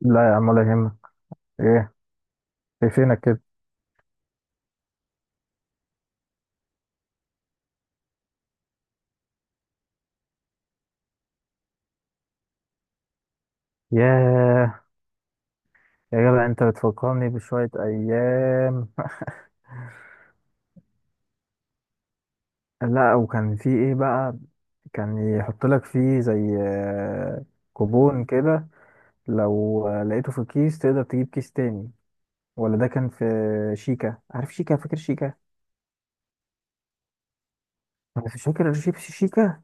لا يا عم ولا يهمك. ايه؟ في فينك كده؟ ياه، يا جدع انت بتفكرني بشوية ايام. لا وكان في ايه بقى؟ كان يحط لك فيه زي كوبون كده، لو لقيته في الكيس تقدر تجيب كيس تاني، ولا ده كان في شيكا؟ عارف شيكا؟ فاكر شيكا؟ انا مش فاكر شيبسي شيكا.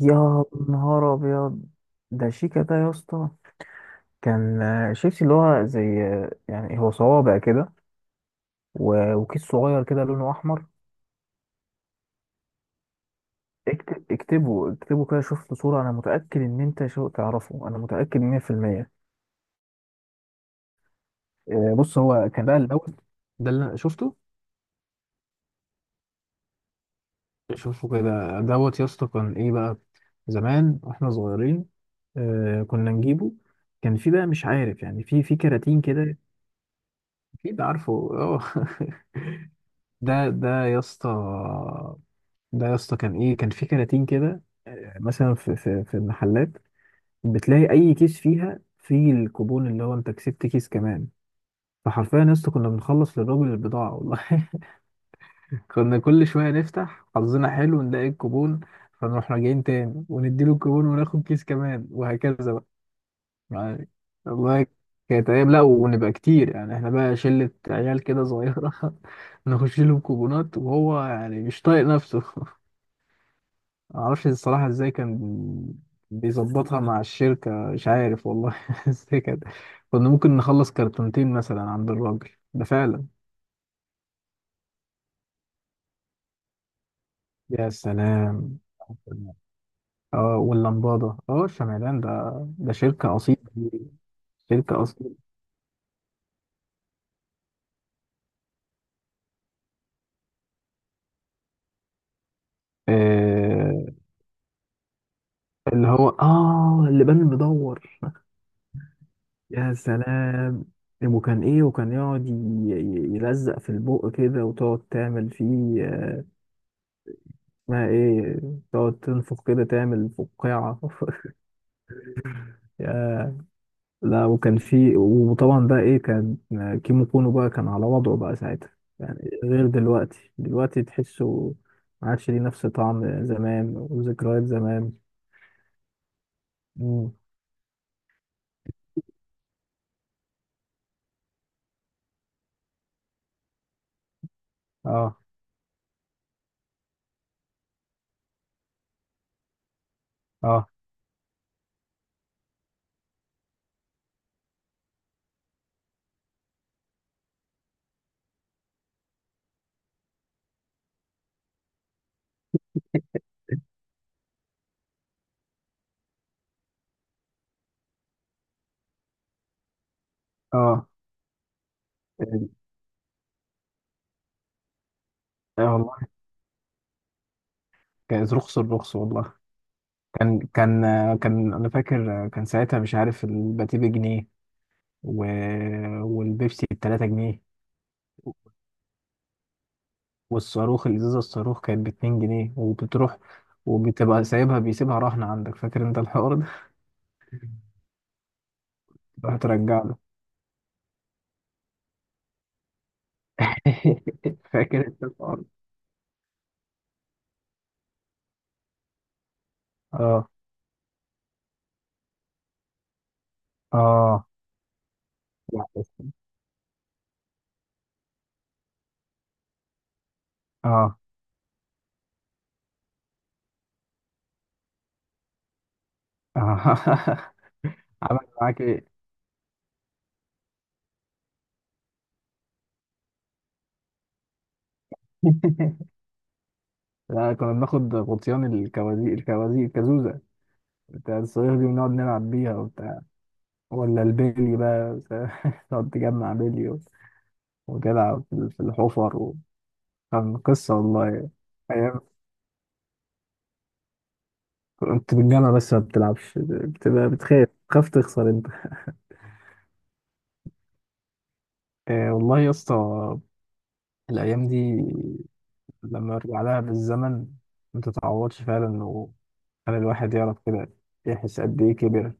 يا نهار ابيض، ده شيكا ده يا اسطى. كان شيبسي اللي هو زي يعني هو صوابع كده، و- وكيس صغير كده لونه احمر. اكتبه كده، شوف له صورة. انا متأكد ان انت شو تعرفه، انا متأكد 100%. بص، هو كان بقى الاول ده اللي أنا شفته. شوفه كده دوت يا اسطى. كان ايه بقى؟ زمان واحنا صغيرين، آه كنا نجيبه. كان في بقى مش عارف يعني في كراتين كده. اكيد عارفه. اه. ده ده يا اسطى، ده يا اسطى كان ايه؟ كان في كراتين كده. مثلا في المحلات بتلاقي اي كيس فيها فيه الكوبون اللي هو انت كسبت كيس كمان. فحرفيا يا اسطى كنا بنخلص للراجل البضاعه والله. كنا كل شويه نفتح حظنا حلو نلاقي الكوبون، فنروح راجعين تاني ونديله الكوبون وناخد كيس كمان وهكذا بقى، يعني. والله كانت ايام. لا، ونبقى كتير يعني، احنا بقى شله عيال كده صغيره. نخش له بكوبونات وهو يعني مش طايق نفسه. معرفش الصراحة ازاي كان بيظبطها مع الشركة، مش عارف والله ازاي كده. كنا ممكن نخلص كرتونتين مثلا عند الراجل، ده فعلا. يا سلام. اه واللمبادة، اه شمعدان ده، ده شركة أصيلة. شركة أصيلة. آه، اللي هو اه اللبان المدور. يا سلام. وكان ايه؟ وكان يقعد يلزق في البق كده وتقعد تعمل فيه. اسمها ايه؟ تقعد تنفخ كده تعمل فقاعة. يا، لا وكان في، وطبعا بقى ايه، كان كيمو كونو بقى كان على وضعه بقى ساعتها. يعني غير دلوقتي، دلوقتي تحسه ما عادش ليه نفس طعم زمان وذكريات زمان. مم. اه اه اه. اه والله. كان رخص الرخص والله. كان كان انا فاكر، كان ساعتها مش عارف الباتيه بجنيه و... والبيبسي ب 3 جنيه. والصاروخ الازازه، الصاروخ كانت باتنين جنيه، وبتروح وبتبقى سايبها، بيسيبها رهن عندك. فاكر انت الحوار ده؟ تروح ترجع له. فاكر انت الحوار ده؟ اه اه، لا، بس- اه اه. عمل معاك ايه؟ لا كنا بناخد غطيان الكوازيق، الكازوزه بتاع الصاروخ دي، ونقعد نلعب بيها وبتاع. ولا البيلي بقى تقعد تجمع بيلي وتلعب في الحفر و... كان قصة والله. انت بالجامعة بس ما بتلعبش، بتبقى بتخاف تخسر انت. آه والله يا اسطى. الأيام دي لما أرجع لها بالزمن، ما تتعوضش فعلا. وخلي الواحد يعرف كده، يحس قد إيه كبر.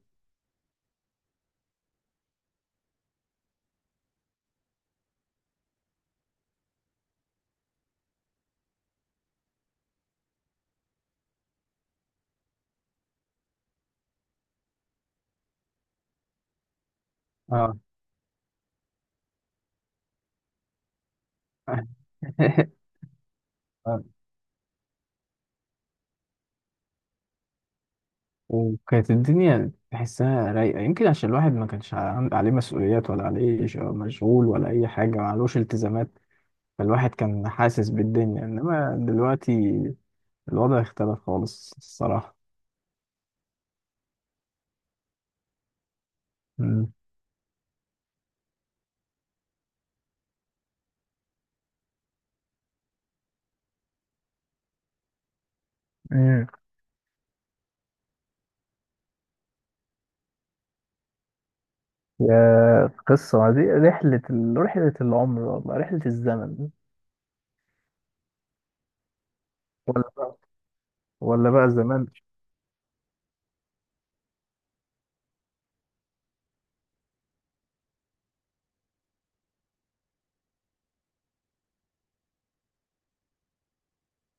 اه. آه. وكانت الدنيا تحسها رايقة، يمكن عشان الواحد ما كانش عليه مسؤوليات، ولا عليه مشغول، ولا أي حاجة، ما علوش التزامات. فالواحد كان حاسس بالدنيا، إنما دلوقتي الوضع اختلف خالص الصراحة. مم. يا قصة، دي رحلة ال... رحلة العمر والله، رحلة الزمن. ولا بقى. ولا بقى زمان.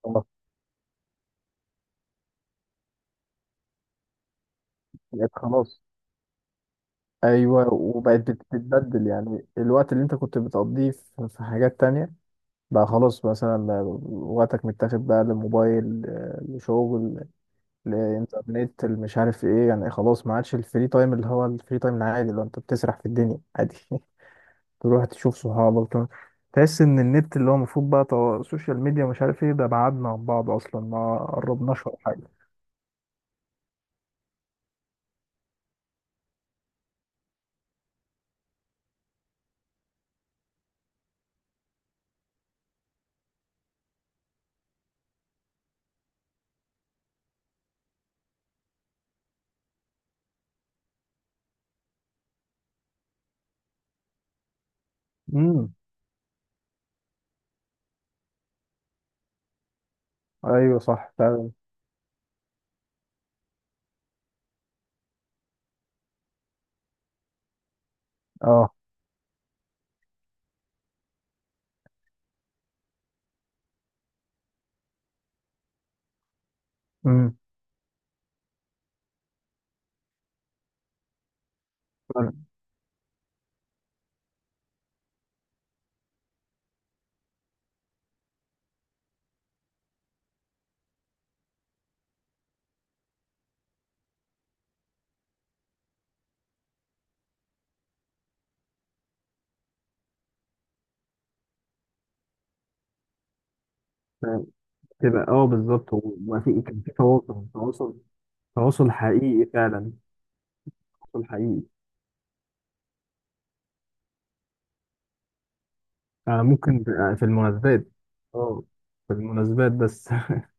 خلاص. بقت خلاص. ايوه، وبقت بتتبدل. يعني الوقت اللي انت كنت بتقضيه في حاجات تانية بقى خلاص مثلا، وقتك متاخد بقى للموبايل، لشغل، للانترنت، اللي مش عارف ايه، يعني خلاص. ما عادش الفري تايم، اللي هو الفري تايم العادي، اللي هو انت بتسرح في الدنيا عادي، تروح تشوف صحابك، تحس ان النت، اللي هو المفروض بقى، سوشيال ميديا مش عارف ايه، ده بعدنا عن بعض اصلا، ما قربناش ولا حاجه. امم. ايوه صح فعلا. اه. امم. فعلا. فعلا. تبقى اه بالظبط، وما في، كان في تواصل، تواصل حقيقي فعلا. تواصل حقيقي، يعني ممكن في المناسبات. اه في المناسبات بس.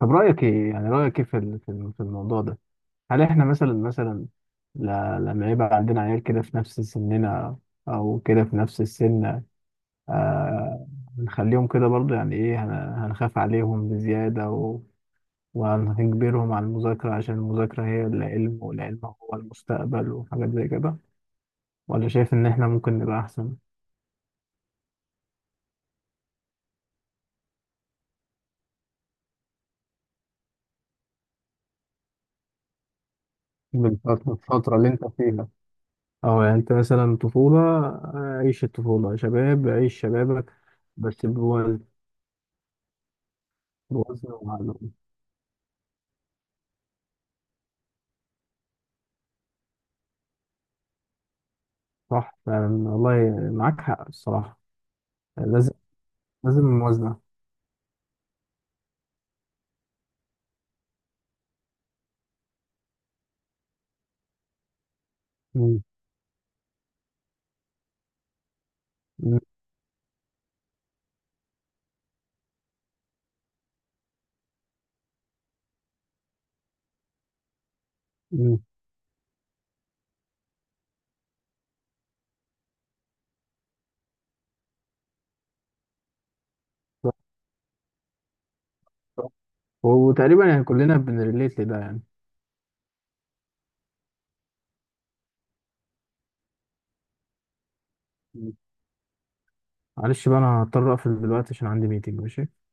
طب رأيك ايه، يعني رأيك ايه في الموضوع ده؟ هل احنا مثلا، لما يبقى عندنا عيال كده في نفس سننا، او كده في نفس السن، آه، هنخليهم كده برضو يعني ايه، هنخاف عليهم بزيادة و... وهنجبرهم على المذاكرة، عشان المذاكرة هي العلم والعلم هو المستقبل وحاجات زي كده؟ ولا شايف ان احنا ممكن نبقى احسن بالفترة، الفترة اللي انت فيها؟ او يعني انت مثلا طفولة، عيش الطفولة، شباب عيش شبابك، بس بوزن. بوزن وعقل. صح فعلا والله، معاك حق الصراحة. لازم. لازم موازنة. مم. مم. مم. صح. صح. وتقريبا يعني كلنا بنريليت لده يعني. مم. معلش بقى، أنا هضطر أقفل دلوقتي عشان عندي ميتنج. ماشي.